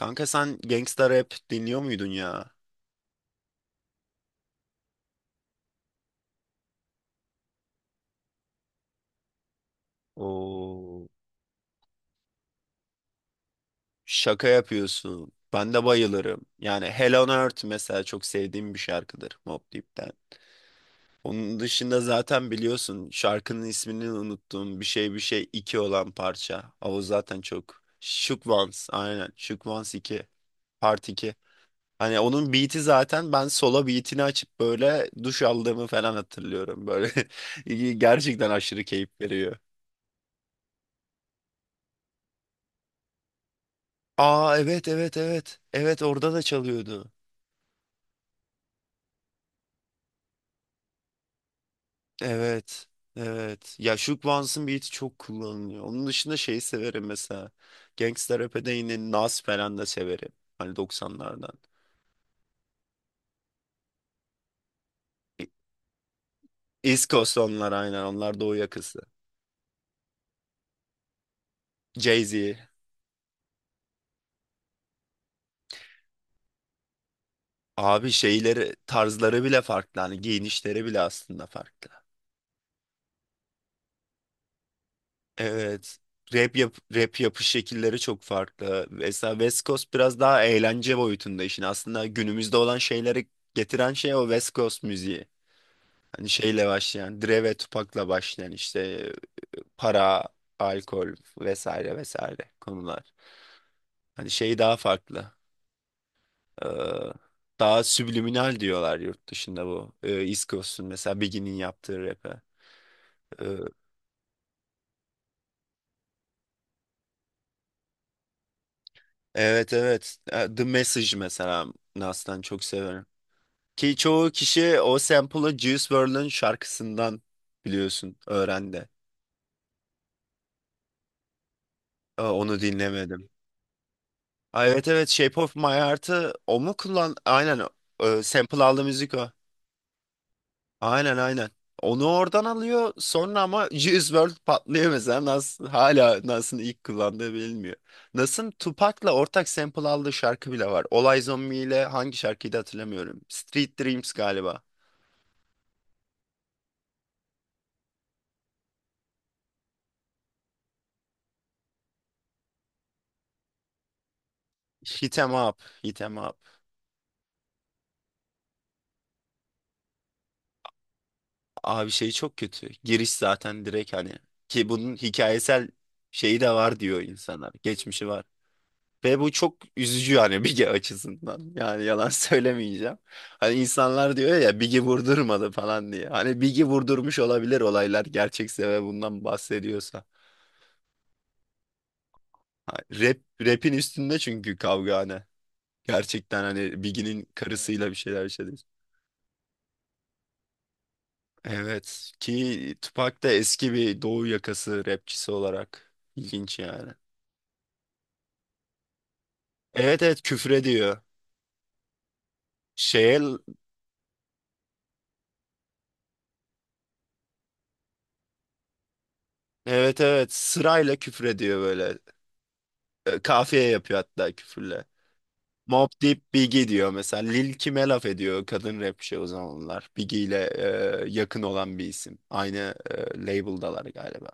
Kanka sen gangsta rap dinliyor muydun ya? Oo, şaka yapıyorsun. Ben de bayılırım. Yani Hell on Earth mesela çok sevdiğim bir şarkıdır Mobb Deep'ten. Onun dışında zaten biliyorsun şarkının ismini unuttuğum bir şey bir şey 2 olan parça. O zaten çok. Shook Ones aynen. Shook Ones 2. Part 2. Hani onun beat'i zaten ben solo beat'ini açıp böyle duş aldığımı falan hatırlıyorum. Böyle gerçekten aşırı keyif veriyor. Aa, evet, evet, evet. Evet, orada da çalıyordu. Evet. Evet. Ya Shook Ones'ın beat'i çok kullanılıyor. Onun dışında şeyi severim mesela. Gangsta rap'e yine Nas falan da severim. Hani 90'lardan. E- East Coast onlar aynen. Onlar doğu yakası. Jay-Z. Abi şeyleri, tarzları bile farklı. Hani giyinişleri bile aslında farklı. Evet. Rap yapış şekilleri çok farklı. Mesela West Coast biraz daha eğlence boyutunda işin. Aslında günümüzde olan şeyleri getiren şey o West Coast müziği. Hani şeyle başlayan, Dre ve Tupac'la başlayan işte para, alkol, vesaire vesaire konular. Hani şey daha farklı. Ee, daha subliminal diyorlar yurt dışında bu. East Coast'un mesela Biggie'nin yaptığı rap'e. Ee, evet, evet. The Message mesela Nas'tan çok severim. Ki çoğu kişi o sample'ı Juice World'un şarkısından biliyorsun öğrendi. Aa, onu dinlemedim. Aa, evet, evet, Shape of My Heart'ı o mu kullan? Aynen, sample aldı müzik o. Aynen, aynen. Onu oradan alıyor sonra ama Juice World patlıyor mesela, Nas, hala Nas'ın ilk kullandığı bilinmiyor. Nas'ın Tupac'la ortak sample aldığı şarkı bile var. Olay Zombie ile hangi şarkıydı hatırlamıyorum. Street Dreams galiba. Hit 'em up, hit 'em up. Abi şey çok kötü. Giriş zaten direkt, hani ki bunun hikayesel şeyi de var diyor insanlar. Geçmişi var. Ve bu çok üzücü yani, Bige açısından. Yani yalan söylemeyeceğim. Hani insanlar diyor ya Big'i vurdurmadı falan diye. Hani Big'i vurdurmuş olabilir, olaylar gerçekse ve bundan bahsediyorsa. Ha, rap'in üstünde çünkü kavga hani. Gerçekten hani Biggie'nin karısıyla bir şeyler yaşadı. Evet, ki Tupac da eski bir doğu yakası rapçisi olarak, ilginç yani. Evet, evet, küfür ediyor. Şeye evet, evet, sırayla küfür ediyor böyle. Kafiye yapıyor hatta küfürle. Mob deyip Biggie diyor mesela. Lil Kim'e laf ediyor, kadın rapçi o zamanlar. Biggie ile yakın olan bir isim. Aynı label'dalar galiba.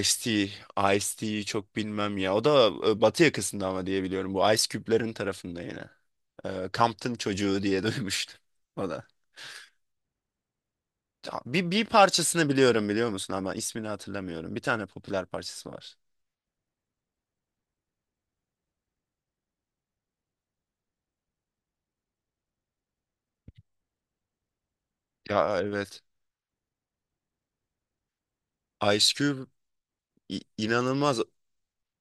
Ice-T, Ice-T'yi çok bilmem ya. O da Batı yakasında ama diye biliyorum. Bu Ice Cube'lerin tarafında yine. Compton çocuğu diye duymuştum. O da. Bir parçasını biliyorum, biliyor musun, ama ismini hatırlamıyorum. Bir tane popüler parçası var. Ya, evet. Ice Cube inanılmaz.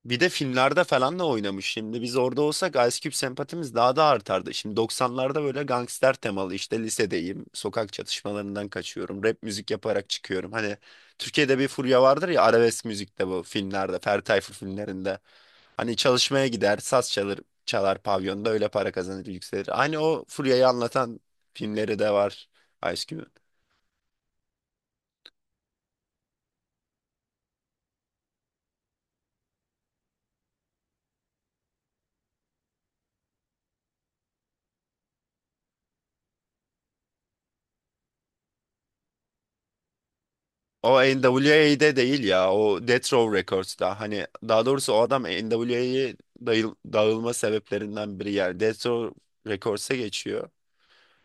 Bir de filmlerde falan da oynamış. Şimdi biz orada olsak Ice Cube sempatimiz daha da artardı. Şimdi 90'larda böyle gangster temalı, işte lisedeyim, sokak çatışmalarından kaçıyorum, rap müzik yaparak çıkıyorum. Hani Türkiye'de bir furya vardır ya arabesk müzikte, bu filmlerde, Ferdi Tayfur filmlerinde. Hani çalışmaya gider, saz çalır, çalar pavyonda, öyle para kazanır, yükselir. Hani o Furya'yı anlatan filmleri de var Ice Cube'un. O NWA'de değil ya. O Death Row Records'da. Hani daha doğrusu o adam NWA'ye dağılma sebeplerinden biri yani. Death Row Records'a geçiyor.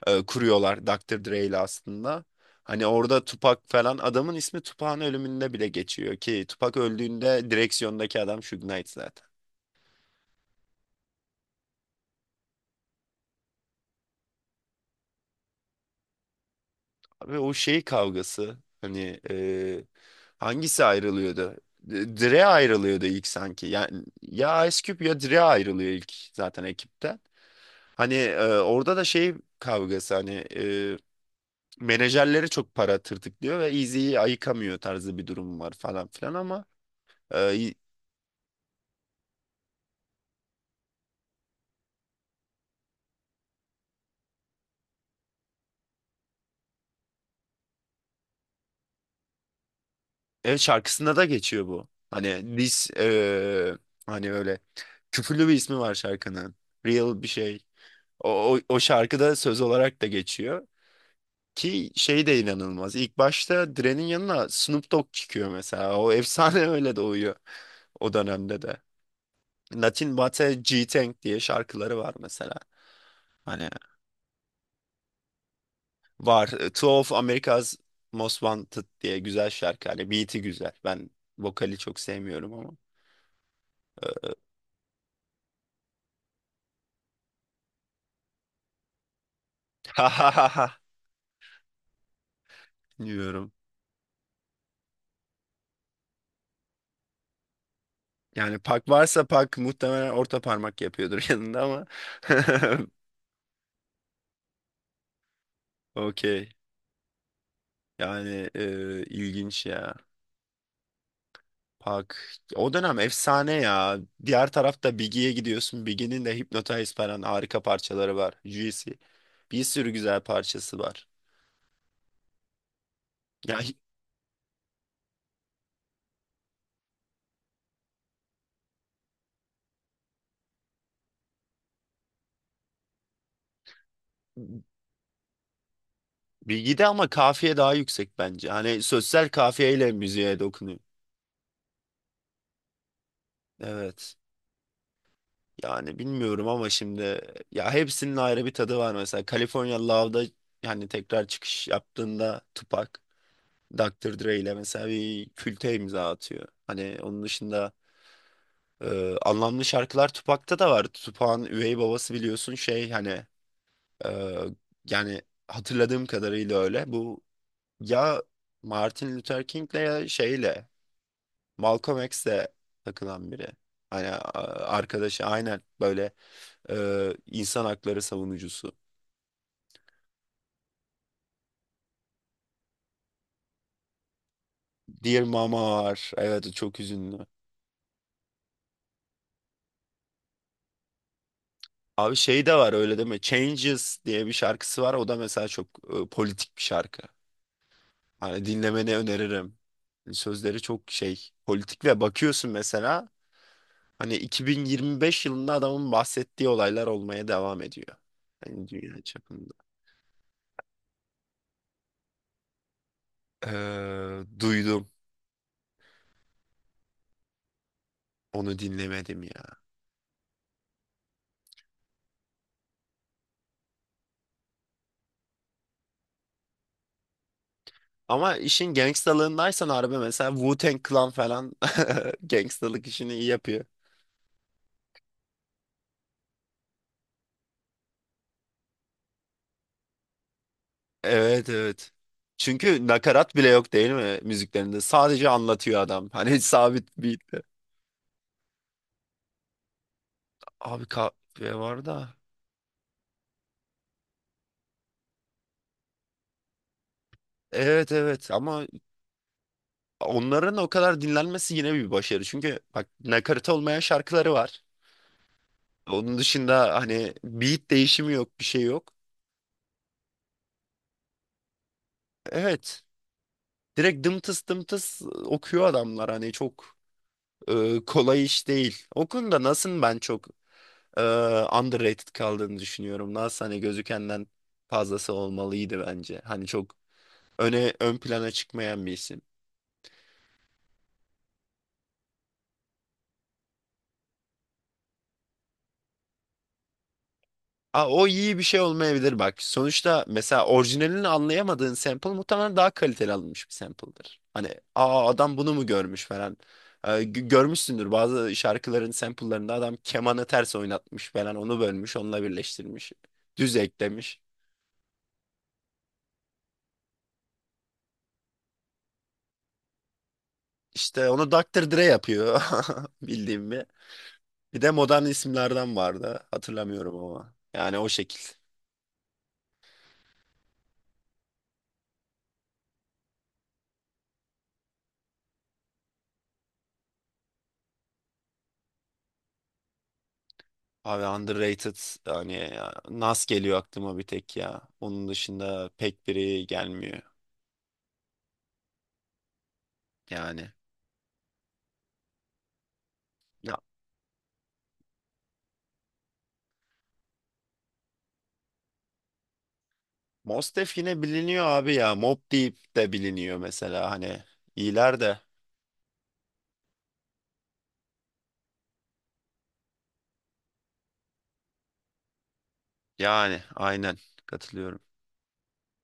Kuruyorlar Doktor Dre ile aslında. Hani orada Tupac falan, adamın ismi Tupac'ın ölümünde bile geçiyor, ki Tupac öldüğünde direksiyondaki adam Suge Knight zaten. Abi o şey kavgası, hani hangisi ayrılıyordu? Dre ayrılıyordu ilk sanki. Yani ya Ice Cube ya Dre ayrılıyor ilk zaten ekipten. Hani orada da şey kavgası, hani menajerleri çok para tırtıklıyor ve Eazy'yi ayıkamıyor tarzı bir durum var falan filan, ama e, ev şarkısında da geçiyor bu. Hani hani öyle küfürlü bir ismi var şarkının. Real bir şey. O, o şarkıda söz olarak da geçiyor. Ki şey de inanılmaz. İlk başta Dre'nin yanına Snoop Dogg çıkıyor mesela. O efsane öyle doğuyor o dönemde de. Latin Bate G-Tank diye şarkıları var mesela. Hani var. Two of America's Most Wanted diye güzel şarkı. Hani beat'i güzel. Ben vokali çok sevmiyorum ama. Ee, ha ha ha ha diyorum. Yani Pak varsa, Pak muhtemelen orta parmak yapıyordur yanında ama. Okey. Yani ilginç ya. Park. O dönem efsane ya. Diğer tarafta Biggie'ye gidiyorsun. Biggie'nin de Hypnotize falan harika parçaları var. Juicy. Bir sürü güzel parçası var. Ya Biggie'de ama kafiye daha yüksek bence. Hani sosyal kafiyeyle müziğe dokunuyor. Evet. Yani bilmiyorum ama şimdi ya hepsinin ayrı bir tadı var. Mesela California Love'da, yani tekrar çıkış yaptığında Tupac, Dr. Dre ile mesela bir külte imza atıyor. Hani onun dışında anlamlı şarkılar Tupac'ta da var. Tupac'ın üvey babası biliyorsun, şey hani e, yani hatırladığım kadarıyla öyle. Bu ya Martin Luther King'le ya şeyle Malcolm X'le takılan biri. Hani arkadaşı, aynen böyle insan hakları savunucusu. Dear Mama var. Evet, o çok üzünlü. Abi şey de var, öyle deme. Changes diye bir şarkısı var. O da mesela çok politik bir şarkı. Hani dinlemeni öneririm. Hani sözleri çok şey, politik, ve bakıyorsun mesela hani 2025 yılında adamın bahsettiği olaylar olmaya devam ediyor. Hani dünya çapında. Duydum. Onu dinlemedim ya. Ama işin gangstalığındaysan harbi, mesela Wu-Tang Clan falan gangstalık işini iyi yapıyor. Evet, evet. Çünkü nakarat bile yok değil mi müziklerinde? Sadece anlatıyor adam. Hani sabit bir... Abi kahve var da. Evet, evet, ama onların o kadar dinlenmesi yine bir başarı. Çünkü bak, nakarat olmayan şarkıları var. Onun dışında hani beat değişimi yok, bir şey yok. Evet. Direkt dımtıs dımtıs okuyor adamlar, hani çok kolay iş değil. O konuda Nas'ın ben çok e, underrated kaldığını düşünüyorum. Nas hani gözükenden fazlası olmalıydı bence. Hani çok ön plana çıkmayan bir isim. Aa, o iyi bir şey olmayabilir bak. Sonuçta mesela orijinalini anlayamadığın sample muhtemelen daha kaliteli alınmış bir sample'dır. Hani aa, adam bunu mu görmüş falan. Görmüşsündür bazı şarkıların sample'larında, adam kemanı ters oynatmış falan, onu bölmüş, onunla birleştirmiş. Düz eklemiş. İşte onu Dr. Dre yapıyor bildiğim bir. Bir de modern isimlerden vardı, hatırlamıyorum ama. Yani o şekil. Abi underrated yani ya, Nas geliyor aklıma bir tek ya. Onun dışında pek biri gelmiyor yani. Ya Mos Def yine biliniyor abi ya. Mobb Deep de biliniyor mesela, hani İyiler de. Yani aynen, katılıyorum.